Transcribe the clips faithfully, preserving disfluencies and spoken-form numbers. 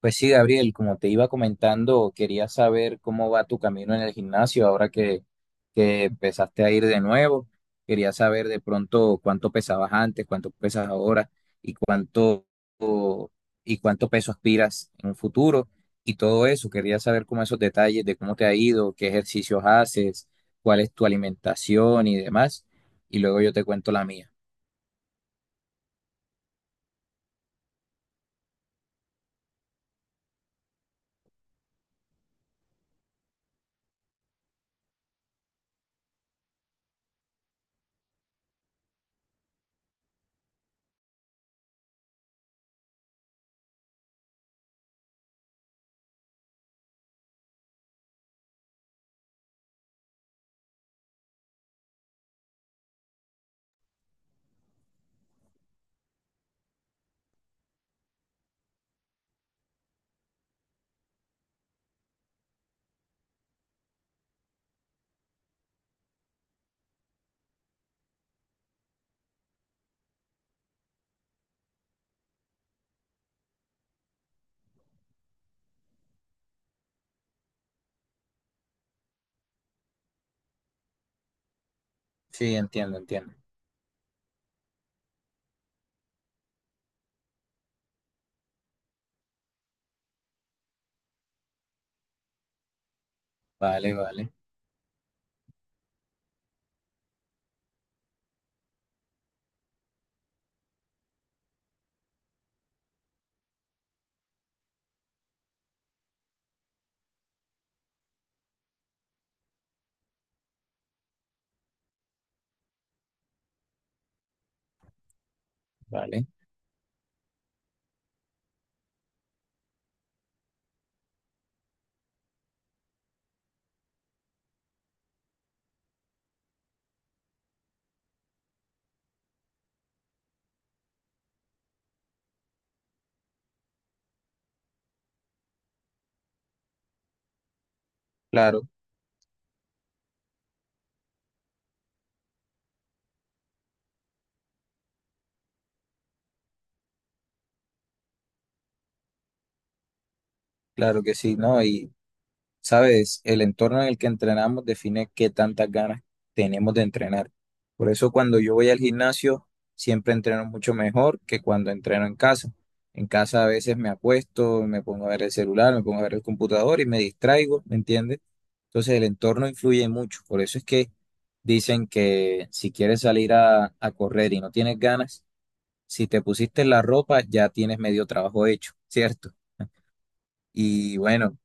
Pues sí, Gabriel, como te iba comentando, quería saber cómo va tu camino en el gimnasio ahora que, que empezaste a ir de nuevo. Quería saber de pronto cuánto pesabas antes, cuánto pesas ahora y cuánto y cuánto peso aspiras en un futuro y todo eso. Quería saber cómo esos detalles de cómo te ha ido, qué ejercicios haces, cuál es tu alimentación y demás. Y luego yo te cuento la mía. Sí, entiendo, entiendo. Vale, vale, vale. Claro, claro que sí, ¿no? Y sabes, el entorno en el que entrenamos define qué tantas ganas tenemos de entrenar. Por eso cuando yo voy al gimnasio, siempre entreno mucho mejor que cuando entreno en casa. En casa a veces me acuesto, me pongo a ver el celular, me pongo a ver el computador y me distraigo, ¿me entiendes? Entonces el entorno influye mucho. Por eso es que dicen que si quieres salir a, a correr y no tienes ganas, si te pusiste la ropa ya tienes medio trabajo hecho, ¿cierto? Y bueno,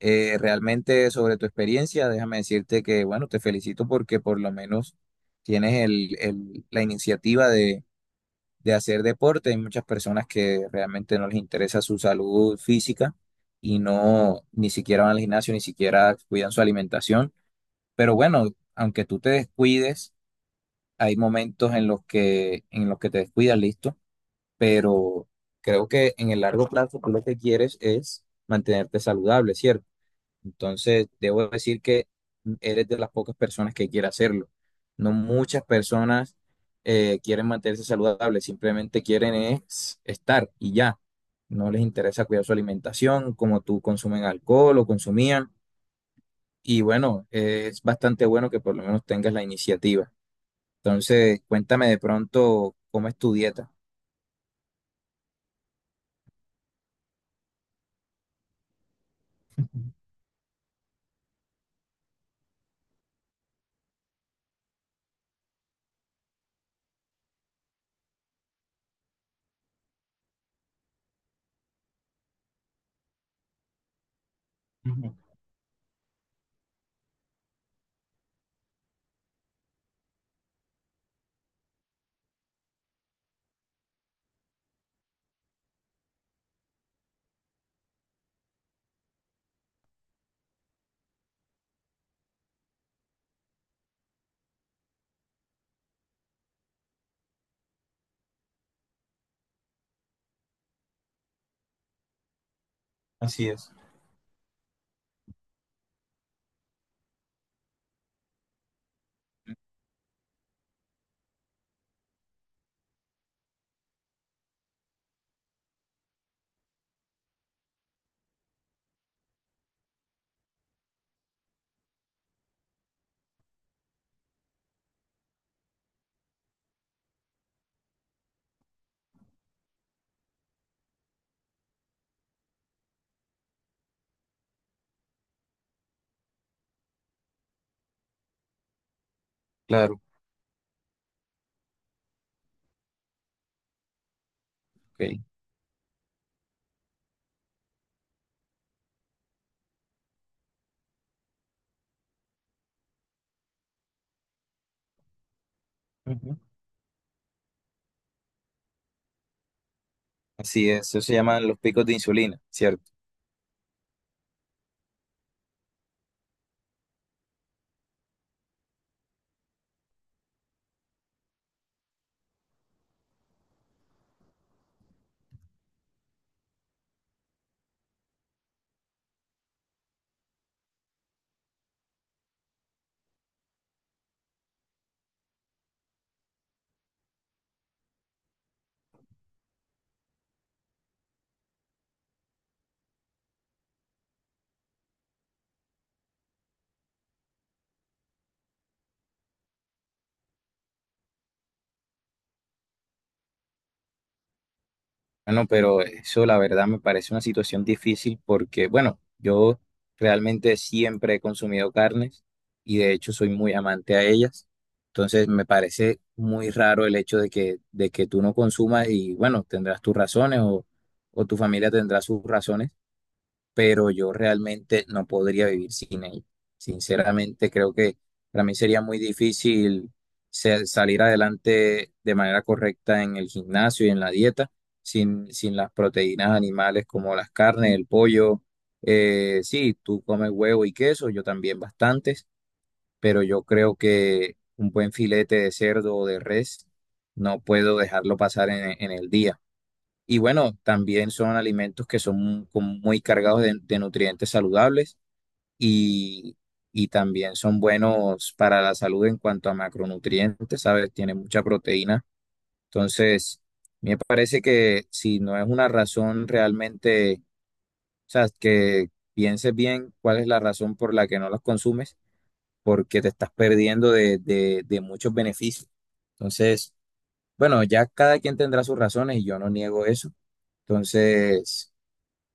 eh, realmente sobre tu experiencia, déjame decirte que, bueno, te felicito porque por lo menos tienes el, el- la iniciativa de, de hacer deporte. Hay muchas personas que realmente no les interesa su salud física y no, ni siquiera van al gimnasio, ni siquiera cuidan su alimentación. Pero bueno, aunque tú te descuides, hay momentos en los que, en los que te descuidas, listo. Pero creo que en el largo plazo tú lo que quieres es mantenerte saludable, ¿cierto? Entonces, debo decir que eres de las pocas personas que quiere hacerlo. No muchas personas eh, quieren mantenerse saludables, simplemente quieren es estar y ya. No les interesa cuidar su alimentación, como tú consumen alcohol o consumían. Y bueno, eh, es bastante bueno que por lo menos tengas la iniciativa. Entonces, cuéntame de pronto cómo es tu dieta. Ujú. Así es. Claro, ok. Ujú. Así es, eso se llaman los picos de insulina, ¿cierto? Bueno, pero eso la verdad me parece una situación difícil porque, bueno, yo realmente siempre he consumido carnes y de hecho soy muy amante a ellas. Entonces me parece muy raro el hecho de que, de que tú no consumas y, bueno, tendrás tus razones o, o tu familia tendrá sus razones pero yo realmente no podría vivir sin ella. Sinceramente, creo que para mí sería muy difícil se- salir adelante de manera correcta en el gimnasio y en la dieta sin, sin las proteínas animales como las carnes, el pollo. Eh, sí, tú comes huevo y queso, yo también bastantes, pero yo creo que un buen filete de cerdo o de res no puedo dejarlo pasar en en el día. Y bueno, también son alimentos que son como muy cargados de, de nutrientes saludables y, y también son buenos para la salud en cuanto a macronutrientes, ¿sabes? Tiene mucha proteína. Entonces, me parece que si no es una razón realmente, o sea, que pienses bien cuál es la razón por la que no los consumes, porque te estás perdiendo de, de de muchos beneficios. Entonces, bueno, ya cada quien tendrá sus razones y yo no niego eso. Entonces...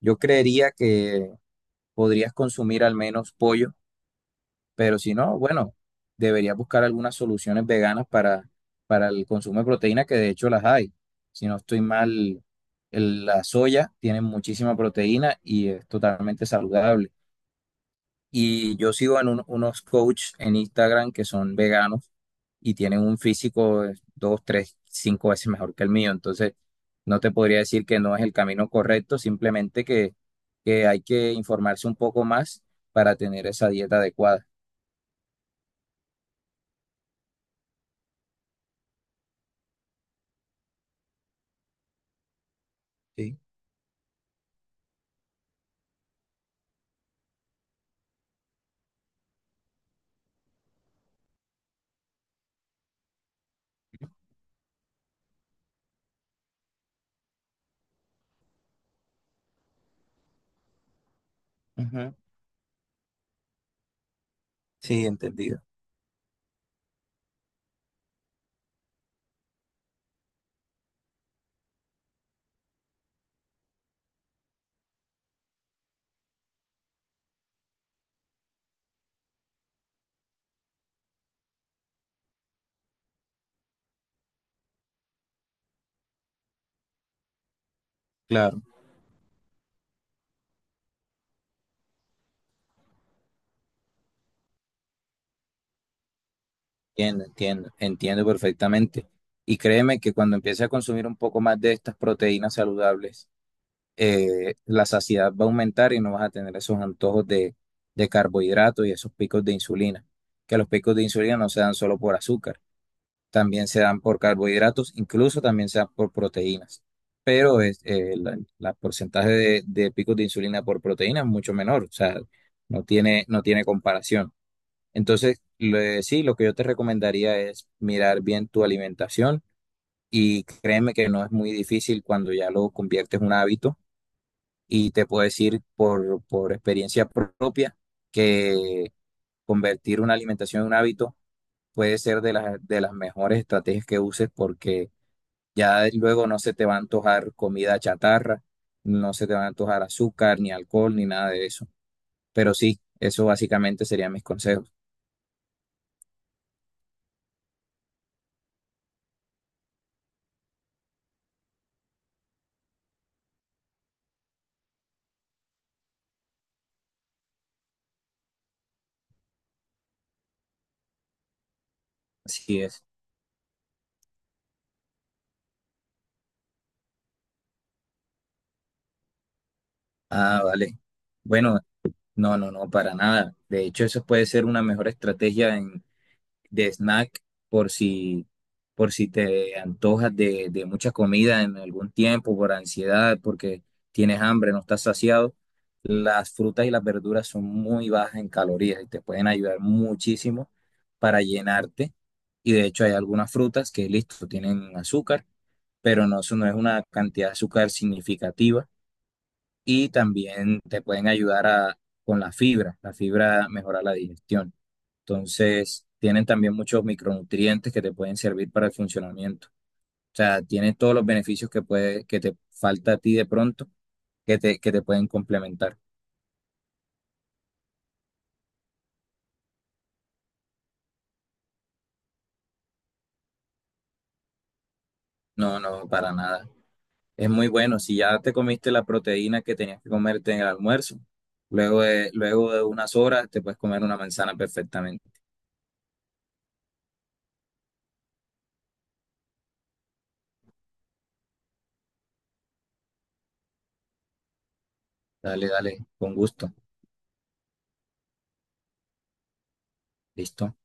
Yo creería que podrías consumir al menos pollo, pero si no, bueno, deberías buscar algunas soluciones veganas para, para el consumo de proteína, que de hecho las hay. Si no estoy mal, el- la soya tiene muchísima proteína y es totalmente saludable. Y yo sigo en un- unos coach en Instagram que son veganos y tienen un físico de dos, tres, cinco veces mejor que el mío. Entonces, no te podría decir que no es el camino correcto, simplemente que, que hay que informarse un poco más para tener esa dieta adecuada. Sí. Ujú. Sí, entendido. Claro, entiendo, entiendo, entiendo perfectamente. Y créeme que cuando empiece a consumir un poco más de estas proteínas saludables, eh, la saciedad va a aumentar y no vas a tener esos antojos de, de carbohidratos y esos picos de insulina, que los picos de insulina no se dan solo por azúcar, también se dan por carbohidratos, incluso también se dan por proteínas, pero es, eh, la, la porcentaje de, de picos de insulina por proteína es mucho menor, o sea, no tiene, no tiene comparación. Entonces, le- sí, lo que yo te recomendaría es mirar bien tu alimentación y créeme que no es muy difícil cuando ya lo conviertes en un hábito y te puedo decir por, por experiencia propia que convertir una alimentación en un hábito puede ser de las, de las mejores estrategias que uses porque ya luego no se te va a antojar comida chatarra, no se te va a antojar azúcar, ni alcohol, ni nada de eso. Pero sí, eso básicamente serían mis consejos. Así es. Ah, vale. Bueno, no, no, no, para nada. De hecho, eso puede ser una mejor estrategia de snack por si, por si te antojas de, de mucha comida en algún tiempo, por ansiedad, porque tienes hambre, no estás saciado. Las frutas y las verduras son muy bajas en calorías y te pueden ayudar muchísimo para llenarte. Y de hecho hay algunas frutas que, listo, tienen azúcar, pero no, eso no es una cantidad de azúcar significativa. Y también te pueden ayudar a, con la fibra, la fibra mejora la digestión. Entonces, tienen también muchos micronutrientes que te pueden servir para el funcionamiento. O sea, tienen todos los beneficios que puede, que te falta a ti de pronto, que te, que te pueden complementar. No, no, para nada. Es muy bueno. Si ya te comiste la proteína que tenías que comerte en el almuerzo, luego de, luego de unas horas te puedes comer una manzana perfectamente. Dale, dale, con gusto. Listo.